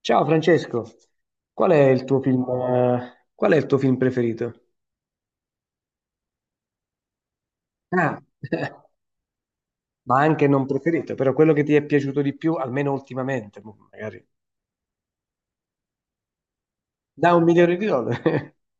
Ciao Francesco, qual è il tuo film preferito? Ah, ma anche non preferito, però quello che ti è piaciuto di più, almeno ultimamente, magari. Da un milione di dollari.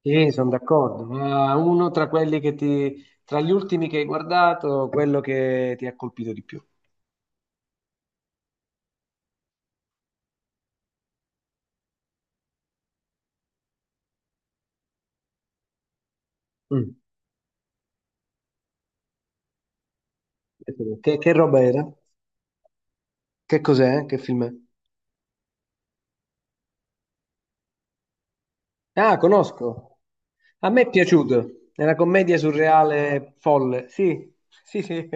Sì, sono d'accordo, ma uno tra quelli tra gli ultimi che hai guardato, quello che ti ha colpito di più. Mm. Che roba era? Che cos'è? Che film è? Ah, conosco. A me è piaciuto. È una commedia surreale folle. Sì, sì, sì.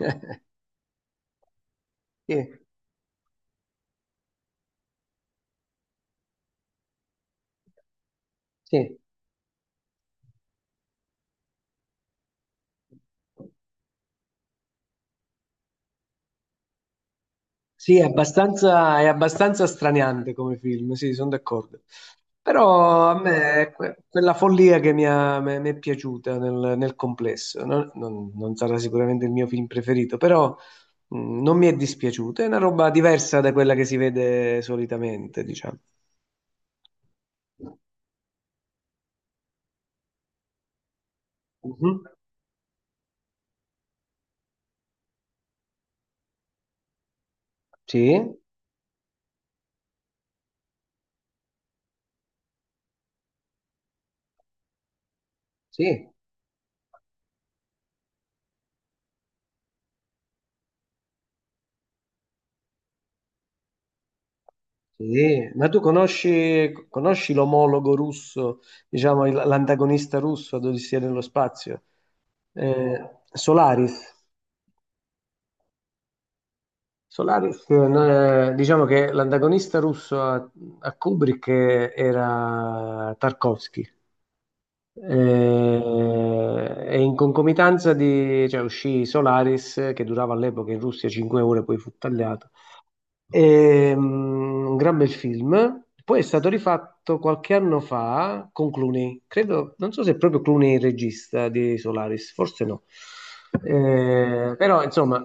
Sì, sì. Sì, è abbastanza straniante come film, sì, sono d'accordo. Però a me è quella follia che mi è piaciuta nel complesso. Non sarà sicuramente il mio film preferito, però non mi è dispiaciuto. È una roba diversa da quella che si vede solitamente, diciamo. Mhm. Sì, sì, sì. Ma tu conosci l'omologo russo, diciamo l'antagonista russo ad Odissea nello spazio? Solaris. Solaris, no, diciamo che l'antagonista russo a Kubrick era Tarkovsky. E in concomitanza di, cioè, uscì Solaris, che durava all'epoca in Russia 5 ore, poi fu tagliato. Un gran bel film. Poi è stato rifatto qualche anno fa con Clooney. Credo, non so se è proprio Clooney il regista di Solaris, forse no. Però, insomma,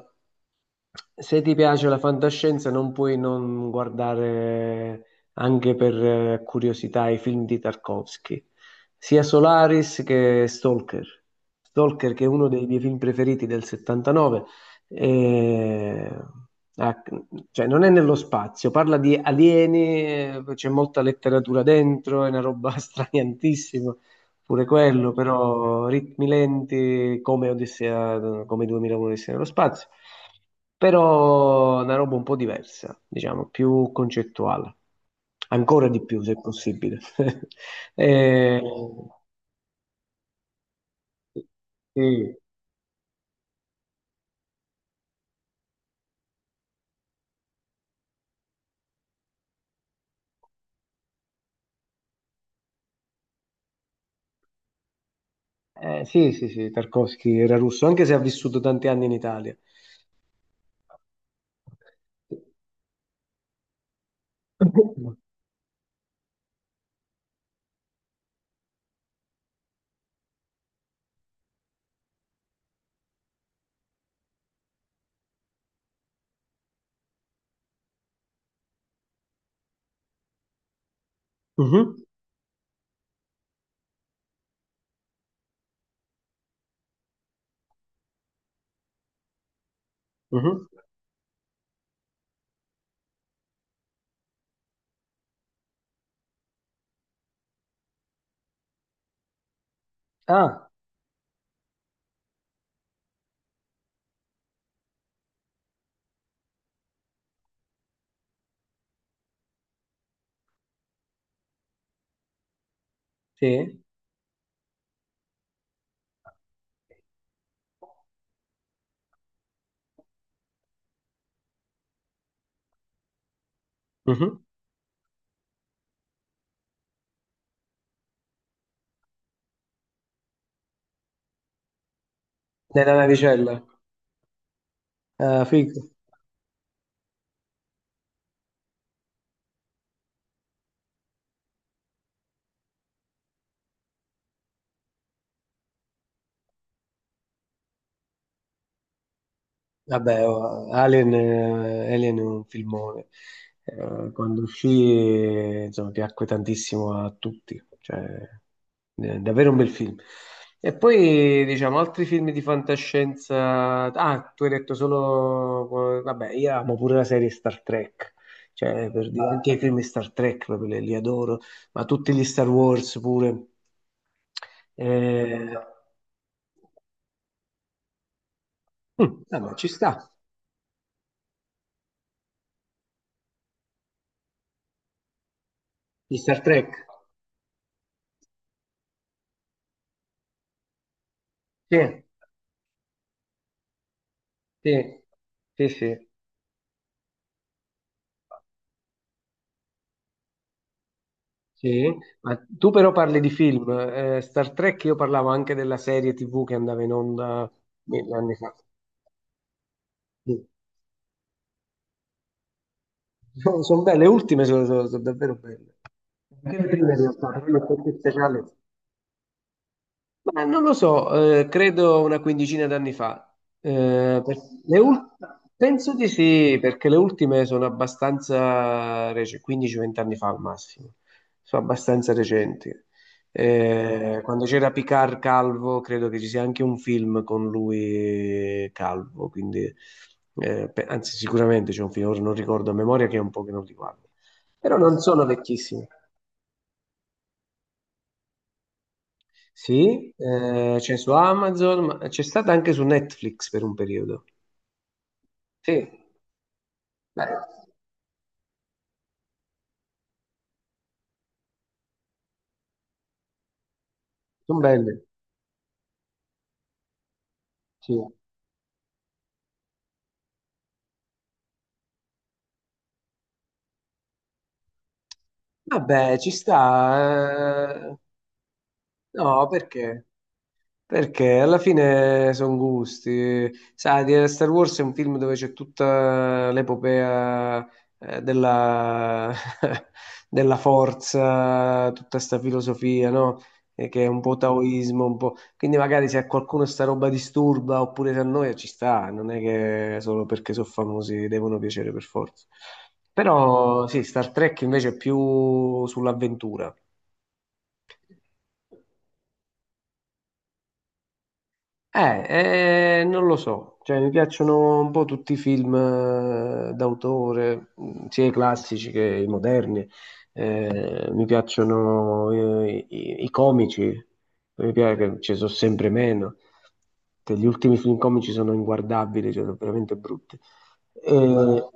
se ti piace la fantascienza, non puoi non guardare anche per curiosità i film di Tarkovsky, sia Solaris che Stalker. Stalker, che è uno dei miei film preferiti del 79, eh, ah, cioè, non è nello spazio, parla di alieni, c'è molta letteratura dentro, è una roba straniantissima, pure quello, però ritmi lenti come Odissea, come 2001 Odissea nello spazio, però una roba un po' diversa, diciamo, più concettuale, ancora di più se possibile. Eh, sì. Sì, sì, sì, Tarkovsky era russo, anche se ha vissuto tanti anni in Italia. Mhm, mhm. Ah, sì, mhm. Nella navicella. Ah, figo. Vabbè, oh, Alien, Alien è un filmone. Quando uscì, insomma, piacque tantissimo a tutti. Cioè, davvero un bel film. E poi, diciamo, altri film di fantascienza. Ah, tu hai detto solo. Vabbè, io amo pure la serie Star Trek. Cioè, per dire, anche i film di Star Trek proprio li adoro, ma tutti gli Star Wars pure. Eh, vabbè, ci sta. Gli Star Trek. Sì. Sì, sì, sì, sì. Ma tu però parli di film. Star Trek io parlavo anche della serie TV che andava in onda mille anni fa. Sì. Sono belle, le ultime sono davvero belle. Anche le prime in realtà, però l'effetto speciale. Ma non lo so, credo una quindicina d'anni fa. Eh, per- le ul- penso di sì, perché le ultime sono abbastanza recenti, 15-20 anni fa al massimo, sono abbastanza recenti. Quando c'era Picard Calvo, credo che ci sia anche un film con lui Calvo, quindi, anzi sicuramente c'è un film, ora non ricordo a memoria che è un po' che non li guardo, però non sono vecchissimi. Sì, c'è su Amazon, ma c'è stata anche su Netflix per un periodo. Sì, beh, sono belle. Sì. Vabbè, ci sta. No, perché? Perché alla fine sono gusti. Sai, Star Wars è un film dove c'è tutta l'epopea della, della forza, tutta sta filosofia, no? E che è un po' taoismo, un po'. Quindi magari se a qualcuno sta roba disturba oppure se a noi ci sta, non è che solo perché sono famosi devono piacere per forza. Però sì, Star Trek invece è più sull'avventura. Non lo so, cioè, mi piacciono un po' tutti i film d'autore, sia i classici che i moderni. Mi piacciono i comici, mi piace che ci sono sempre meno, che gli ultimi film comici sono inguardabili, cioè, sono veramente brutti. Eh,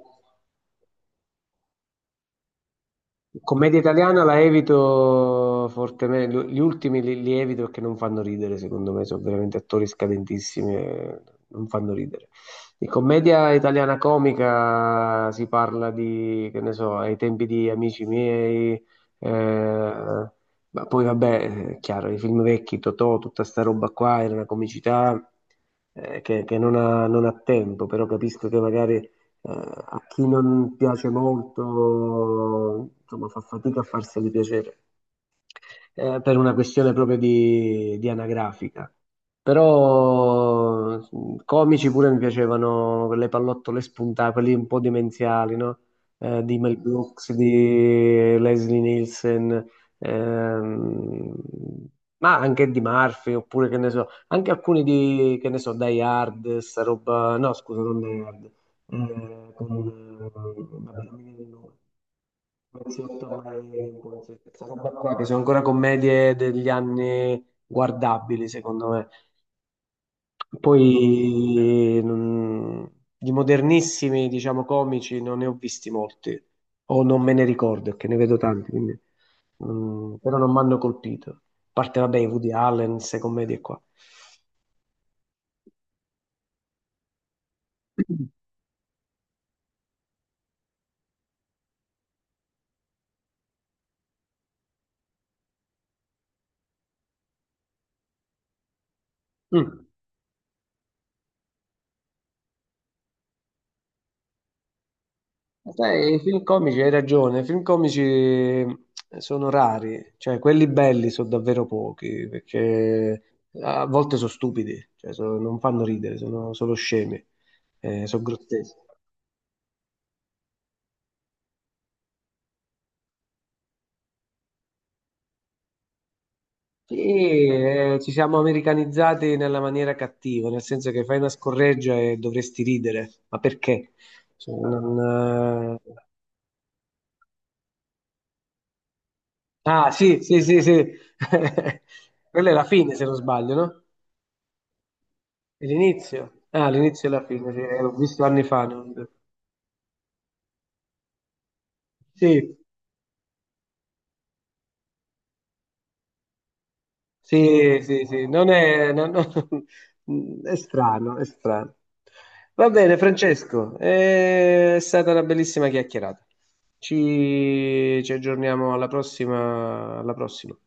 Commedia italiana la evito fortemente, gli ultimi li evito perché non fanno ridere, secondo me, sono veramente attori scadentissimi, e non fanno ridere. Di commedia italiana comica si parla di, che ne so, ai tempi di Amici miei, eh, ma poi vabbè, è chiaro, i film vecchi, Totò, tutta sta roba qua, era una comicità che non ha tempo, però capisco che magari eh, a chi non piace molto, insomma, fa fatica a farseli piacere per una questione proprio di, anagrafica. Però comici pure mi piacevano quelle pallottole spuntate, quelli un po' demenziali, no? Di Mel Brooks, di Leslie Nielsen, ehm, ma anche di Murphy, oppure che ne so, anche alcuni di, che ne so, Die Hard, sta roba, no scusa, non Die Hard, vabbè, non mi viene il nome. Poliziotto a Marengo, questa roba qua, che sono ancora commedie degli anni guardabili, secondo me. Poi non- di modernissimi, diciamo, comici non ne ho visti molti, o non me ne ricordo, che ne vedo tanti, quindi, però non mi hanno colpito. A parte, vabbè, i Woody Allen, queste commedie qua. Mm. Sai, i film comici, hai ragione, i film comici sono rari, cioè quelli belli sono davvero pochi, perché a volte sono stupidi, cioè, non fanno ridere, sono solo scemi, sono grotteschi. Sì, ci siamo americanizzati nella maniera cattiva, nel senso che fai una scorreggia e dovresti ridere, ma perché? Cioè, non, ah, sì, sì, sì, sì. Quella è la fine, se non sbaglio, no? L'inizio? Ah, l'inizio e la fine, sì, l'ho visto anni fa. Sì, sì, sì, sì, non è, è strano, è strano. Va bene, Francesco, è stata una bellissima chiacchierata. Ci aggiorniamo alla prossima, alla prossima.